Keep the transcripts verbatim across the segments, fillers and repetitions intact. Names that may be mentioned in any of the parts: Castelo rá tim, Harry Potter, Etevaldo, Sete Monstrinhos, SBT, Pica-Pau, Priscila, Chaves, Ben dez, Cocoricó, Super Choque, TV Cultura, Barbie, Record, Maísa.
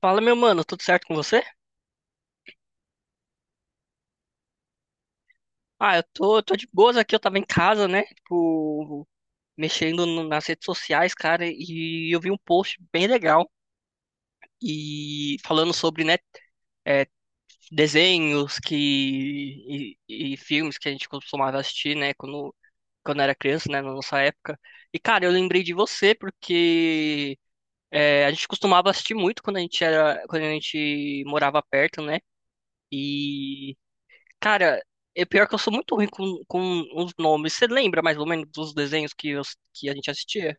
Fala, meu mano, tudo certo com você? Ah, eu tô, eu tô de boas aqui, eu tava em casa, né? Tipo, mexendo no- nas redes sociais, cara, e eu vi um post bem legal e falando sobre, né, é, desenhos que e, e filmes que a gente costumava assistir, né, quando, quando era criança, né, na nossa época. E, cara, eu lembrei de você porque é, a gente costumava assistir muito quando a gente era, quando a gente morava perto, né? Cara, é pior que eu sou muito ruim com, com os nomes. Você lembra mais ou menos dos desenhos que, eu- que a gente assistia?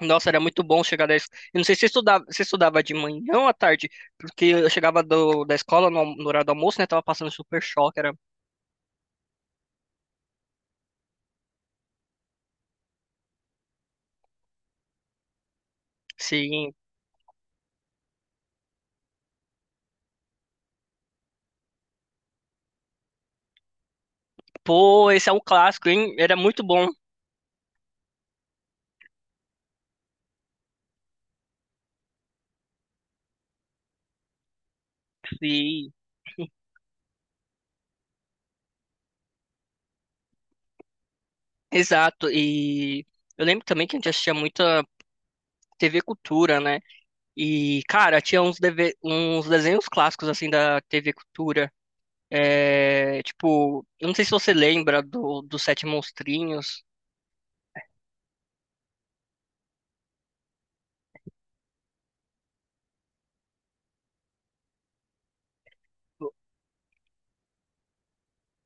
Nossa, era muito bom chegar da... es- Eu não sei se você estudava, você estudava de manhã ou à tarde, porque eu chegava do- da escola no, no horário do almoço, né? Tava passando Super Choque, era... Sim, pô, esse é um clássico, hein? Era muito bom. Sim, exato. E eu lembro também que a gente assistia muita T V Cultura, né? E, cara, tinha uns, deve- uns desenhos clássicos, assim, da T V Cultura. É, tipo, eu não sei se você lembra do, dos Sete Monstrinhos.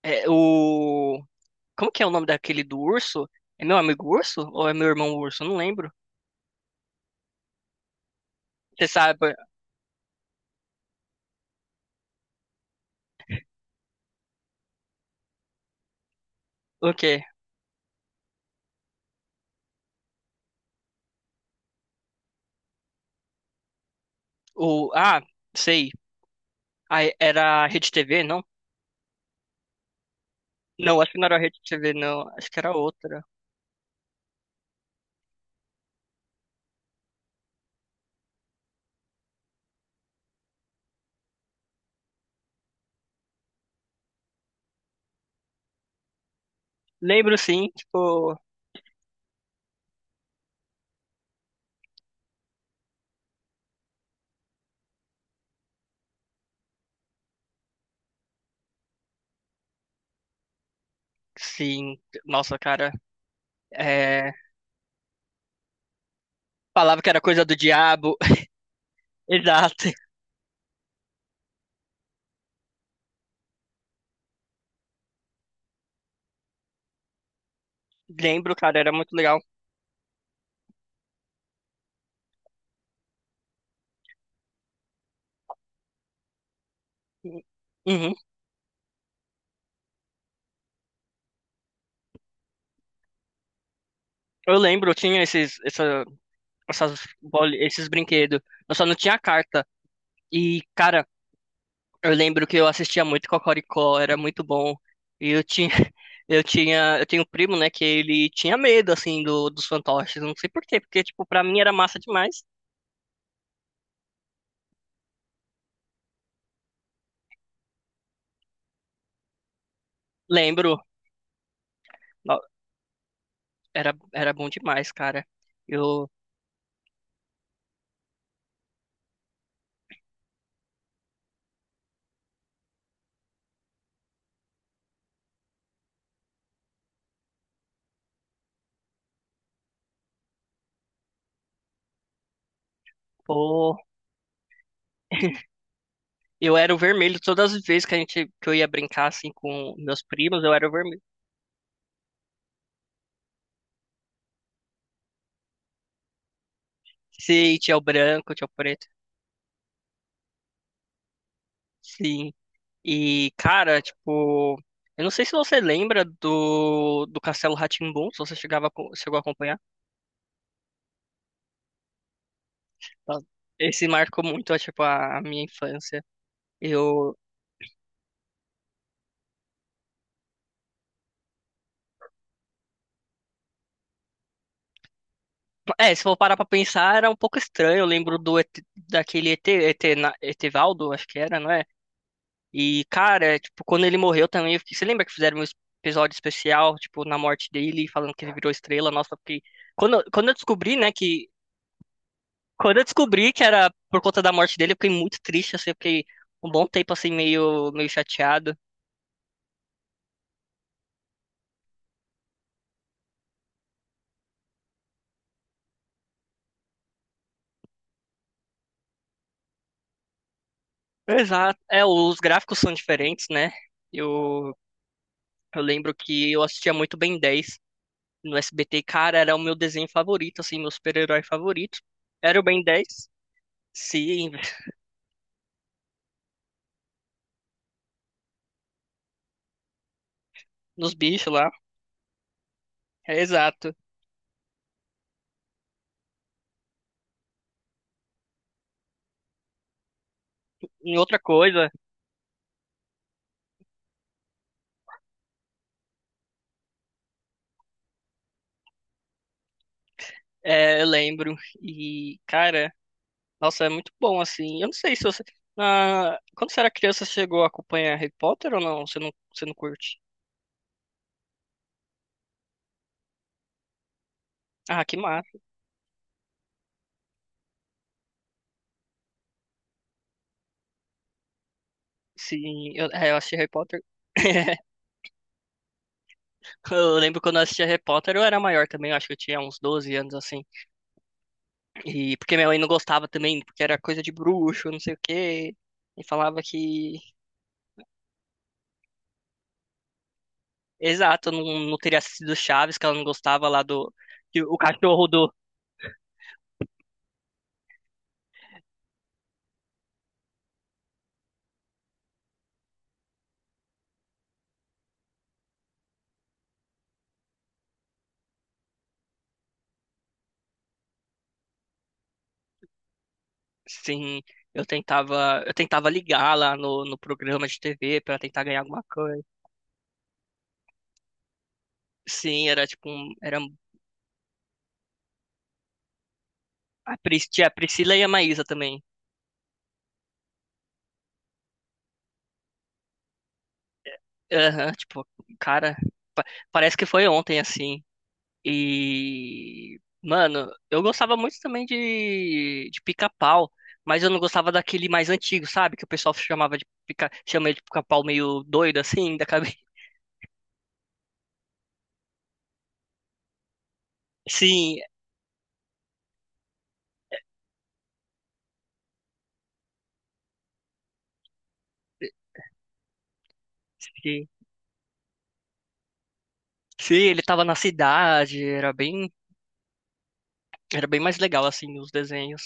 É, o... Como que é o nome daquele do urso? É meu amigo urso? Ou é meu irmão urso? Eu não lembro. Você sabe o quê? O... Ah, sei. Ah, é, era a Rede T V, não? Não, acho que não era a Rede T V, não. Acho que era outra. Lembro, sim, tipo. Sim, nossa, cara, é... Falava que era coisa do diabo. Exato. Lembro, cara, era muito legal. Uhum. Eu lembro, eu tinha esses, essa, essas boli- esses brinquedos. Eu só não tinha a carta. E, cara, eu lembro que eu assistia muito Cocoricó, era muito bom. E eu tinha, eu tinha, eu tenho um primo, né, que ele tinha medo, assim, do, dos fantoches. Não sei por quê, porque, tipo, pra mim era massa demais. Lembro, no- era, era bom demais, cara. Eu, Eu era o vermelho todas as vezes que a gente que eu ia brincar assim com meus primos, eu era o vermelho. Sim, tinha o branco, tinha o preto. Sim. E cara, tipo, eu não sei se você lembra do do Castelo Rá Tim, se você chegava a co- chegou a acompanhar. Tá. Esse marcou muito, tipo, a, a minha infância. Eu É, se for parar pra pensar, era um pouco estranho. Eu lembro do E T, daquele E T, E T, na- Etevaldo, acho que era, não era? E, cara, é, tipo, quando ele morreu também, eu fiquei... Você lembra que fizeram um es- episódio especial, tipo, na morte dele, falando que ele virou estrela? Nossa, eu fiquei. Quando, eu- quando eu descobri, né, que. Quando eu descobri que era por conta da morte dele, eu fiquei muito triste, assim, eu fiquei um bom tempo, assim, meio, meio chateado. Exato. É, os gráficos são diferentes, né? Eu, eu lembro que eu assistia muito Ben dez no S B T, cara, era o meu desenho favorito, assim, meu super-herói favorito. Era o Ben dez. Sim, nos bichos lá. É, exato. Em outra coisa, é, eu lembro. E, cara, nossa, é muito bom, assim. Eu não sei se você. na- Quando você era criança, você chegou a acompanhar Harry Potter ou não? Você não, você não curte? Ah, que massa. Sim, eu, é, eu assisti Harry Potter. Eu lembro quando eu assistia Harry Potter, eu era maior também, eu acho que eu tinha uns doze anos assim. E porque minha mãe não gostava também, porque era coisa de bruxo, não sei o quê. E falava que. Exato, não, não teria sido Chaves, que ela não gostava lá do. Que o cachorro do. Sim, eu tentava, eu tentava ligar lá no, no programa de T V pra tentar ganhar alguma coisa. Sim, era tipo um, era um, a Pris, tinha a Priscila e a Maísa também. Aham, tipo, cara, pa- parece que foi ontem assim. E mano, eu gostava muito também de de pica-pau, mas eu não gostava daquele mais antigo, sabe? Que o pessoal chamava de pica, chama ele de pica-pau meio doido assim, da cabeça. Sim, sim. Sim, ele tava na cidade, era bem. Era bem mais legal, assim, os desenhos.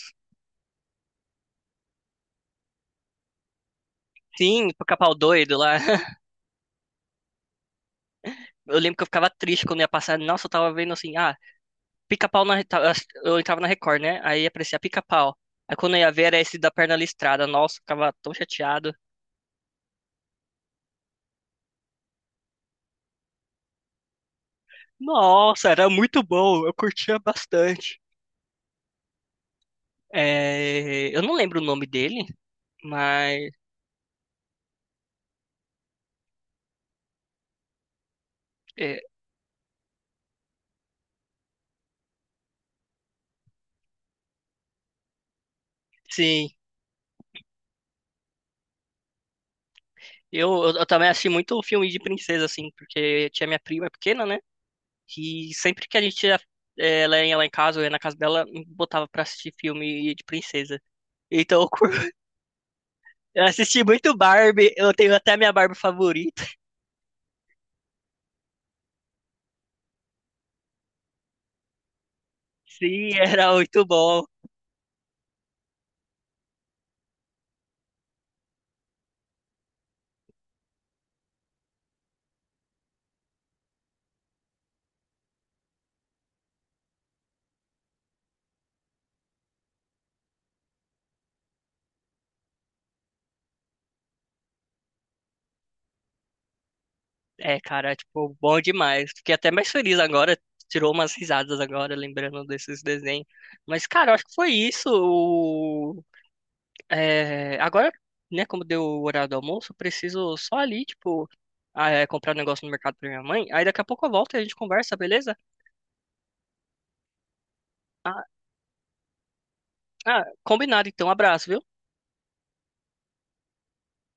Sim, Pica-Pau doido lá. Eu lembro que eu ficava triste quando ia passar. Nossa, eu tava vendo assim, ah, Pica-Pau na. ta- Eu entrava na Record, né? Aí aparecia Pica-Pau. Aí quando eu ia ver era esse da perna listrada. Nossa, eu ficava tão chateado. Nossa, era muito bom. Eu curtia bastante. É, eu não lembro o nome dele, mas. é, Sim. Eu, eu, eu também assisti muito filme de princesa, assim, porque tinha minha prima pequena, né? Que sempre que a gente ia, eh, ela ia lá em casa, ou ia na casa dela, me botava pra assistir filme de princesa. Então, eu cur- Eu assisti muito Barbie, eu tenho até a minha Barbie favorita. Sim, era muito bom. É, cara, tipo, bom demais. Fiquei até mais feliz agora, tirou umas risadas agora, lembrando desses desenhos. Mas, cara, eu acho que foi isso. O- é, agora, né, como deu o horário do almoço, eu preciso só ali, tipo, ah, é, comprar um negócio no mercado pra minha mãe. Aí daqui a pouco eu volto e a gente conversa, beleza? Ah, Ah, combinado, então. Abraço, viu?